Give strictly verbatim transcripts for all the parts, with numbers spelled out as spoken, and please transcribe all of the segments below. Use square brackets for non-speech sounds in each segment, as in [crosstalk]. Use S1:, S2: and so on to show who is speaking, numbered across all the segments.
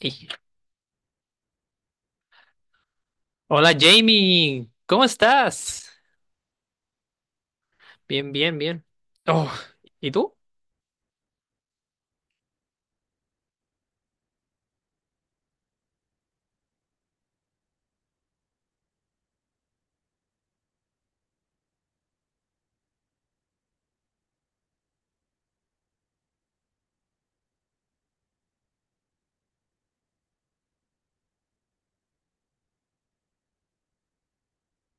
S1: Ey, hola Jamie, ¿cómo estás? Bien, bien, bien. Oh, ¿y tú?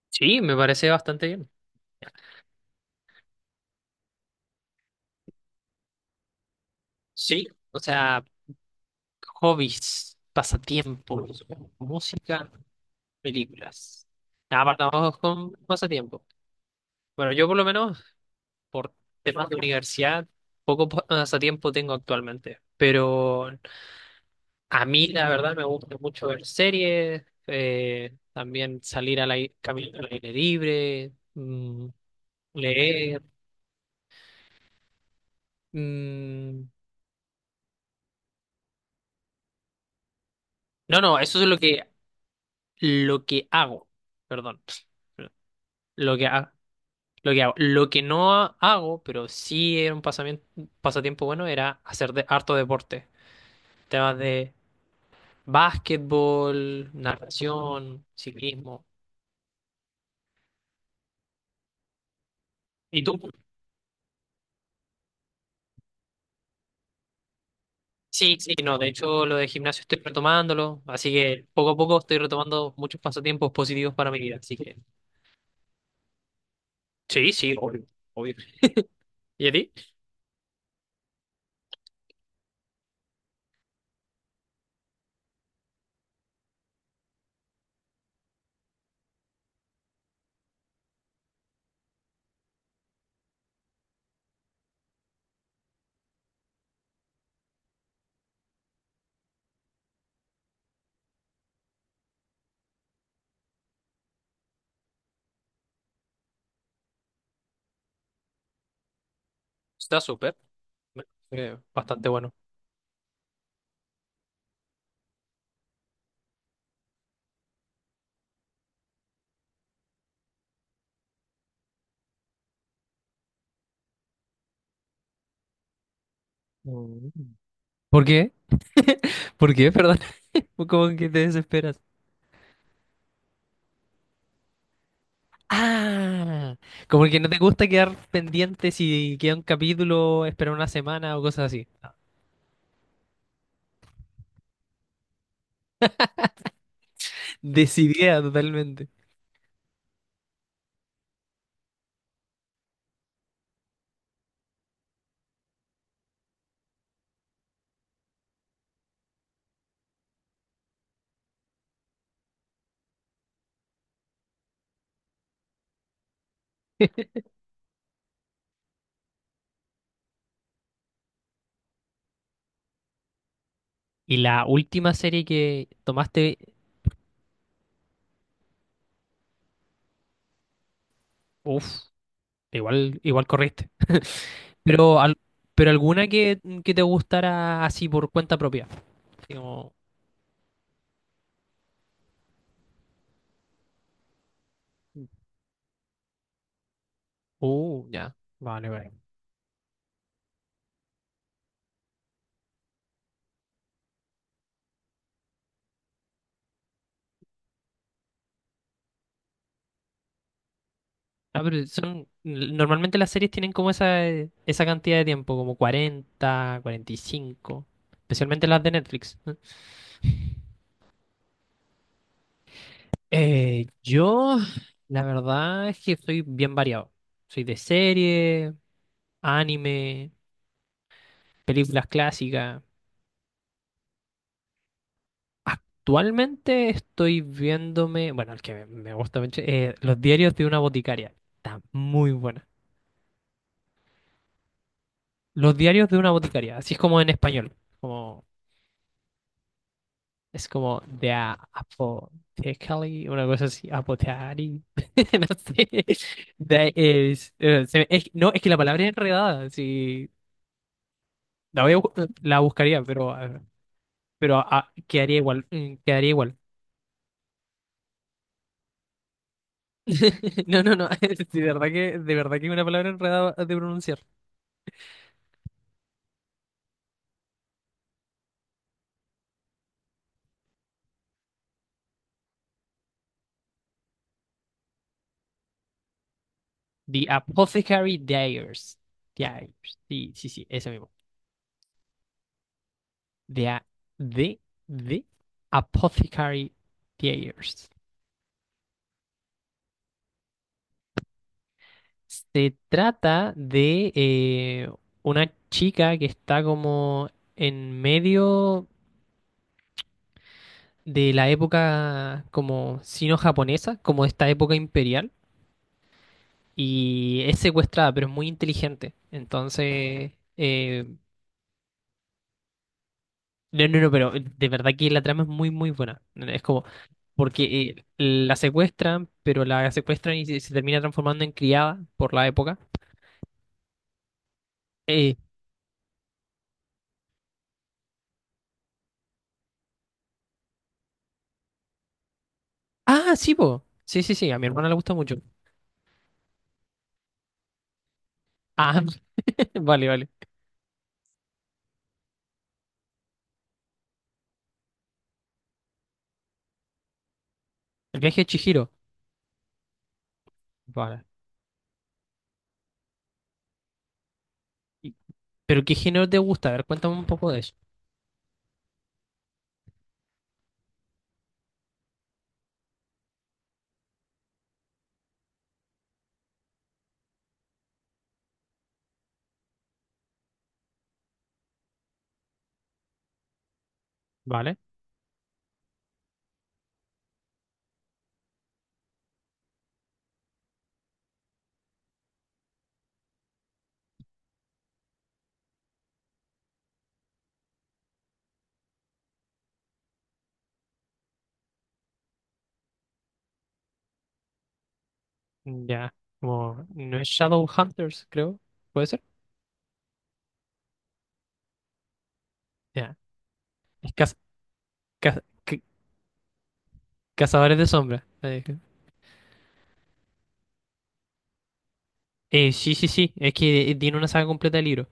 S1: Sí, me parece bastante bien. Sí, o sea, hobbies, pasatiempos, música, películas. Nada, partamos con pasatiempo. Bueno, yo por lo menos, por temas de universidad, poco pa- pasatiempo tengo actualmente. Pero a mí, la verdad, me gusta mucho ver series, eh, también salir al aire, caminar al aire libre, mm, leer. Mm, no, no, eso es lo que, lo que hago. Perdón. Lo que, ha- lo que hago. Lo que no ha- hago, pero sí era un pasamiento, pasatiempo bueno, era hacer de, harto deporte. Temas de básquetbol, natación, ciclismo. ¿Y tú? Sí, sí, no, de hecho lo de gimnasio estoy retomándolo, así que poco a poco estoy retomando muchos pasatiempos positivos para mi vida, así que... Sí, sí, obvio, obvio. ¿Y a ti? Está súper, eh, bastante bueno. Mm. ¿Por qué? ¿Por qué? Perdón. [laughs] ¿Como que te desesperas? Ah, como que no te gusta quedar pendiente si queda un capítulo, esperar una semana o cosas así. Decidida totalmente. [laughs] Y la última serie que tomaste, uff, igual, igual corriste. Pero, al- pero alguna que, que te gustara así por cuenta propia. Así como, uh, ya, vale, vale. Ah, pero son, normalmente las series tienen como esa, eh, esa cantidad de tiempo, como cuarenta cuarenta y cinco, especialmente las de Netflix. Eh, yo, la verdad es que soy bien variado. Soy de serie, anime, películas clásicas. Actualmente estoy viéndome, bueno, el que me me gusta mucho, eh, Los diarios de una boticaria. Está muy buena. Los diarios de una boticaria, así es como en español. Como es como de a- apothecary, una cosa así, apothecary. [laughs] No sé. De- es- eh, se- es- no, es que la palabra es enredada. Sí, la voy a bu- la buscaría, pero, eh, pero ah, quedaría igual. mm, Quedaría igual. [laughs] No, no, no. [laughs] De verdad que, de verdad que es una palabra enredada de pronunciar. The Apothecary Diaries. Diaries. Sí, sí, sí, ese mismo. The, a- de, de Apothecary Diaries. Se trata de eh, una chica que está como en medio de la época como sino-japonesa, como esta época imperial, y es secuestrada, pero es muy inteligente. Entonces, eh, no, no, no, pero de verdad que la trama es muy, muy buena. Es como, porque eh, la secuestran, pero la secuestran y se, se termina transformando en criada por la época. Eh, ah, sí, po. Sí, sí, sí, a mi hermana le gusta mucho. Ah, [laughs] vale, vale. El viaje de Chihiro. Vale. Y... ¿Pero qué género te gusta? A ver, cuéntame un poco de eso. Vale. Ya. Como, no es Shadowhunters, creo. ¿Puede ser? Ya. Es caz- caz- ca- Cazadores de Sombras. Eh, eh, sí, sí, sí. Es que eh, tiene una saga completa de libros.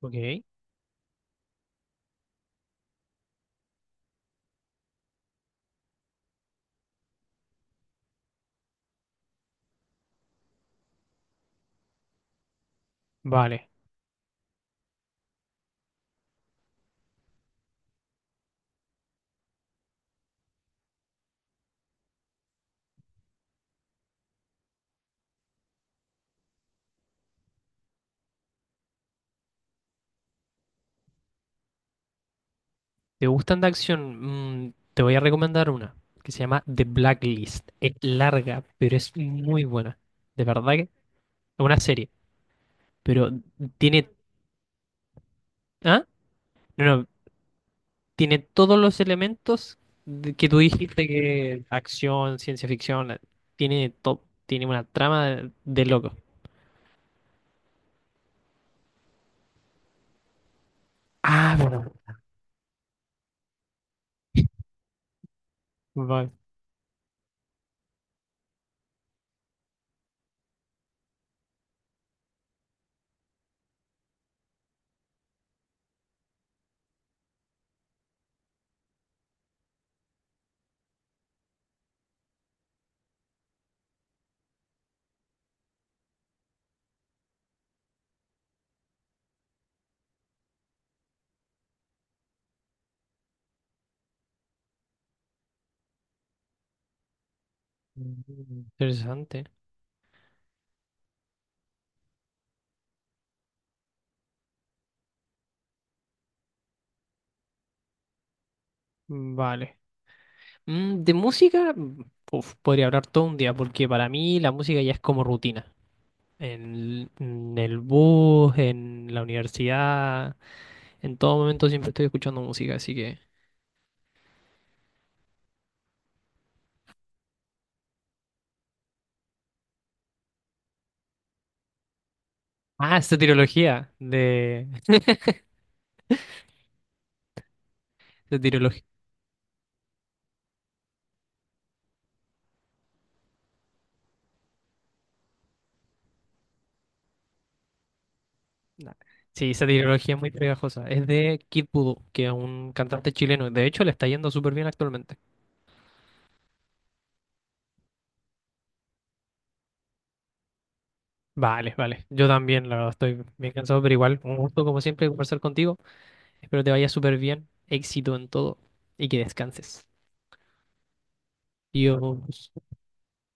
S1: Ok. Vale. ¿Te gustan de acción? Mm, te voy a recomendar una que se llama The Blacklist. Es larga, pero es muy buena. De verdad que es una serie. Pero tiene... ¿Ah? No, no, tiene todos los elementos de- que tú dijiste, que acción, ciencia ficción, la- tiene todo, tiene una trama de, de loco. Ah, bueno. Vale. Mm, interesante. Vale. Mm, de música, mm, uf, podría hablar todo un día, porque para mí la música ya es como rutina. En, en el bus, en la universidad, en todo momento siempre estoy escuchando música, así que... Ah, soteriología de... Nah. Sí, esa trilogía es muy pegajosa. Es de Kid Voodoo, que es un cantante chileno. De hecho, le está yendo súper bien actualmente. Vale, vale. Yo también, la verdad, estoy bien cansado, pero igual, un gusto como siempre conversar contigo. Espero te vaya súper bien. Éxito en todo y que descanses. Dios.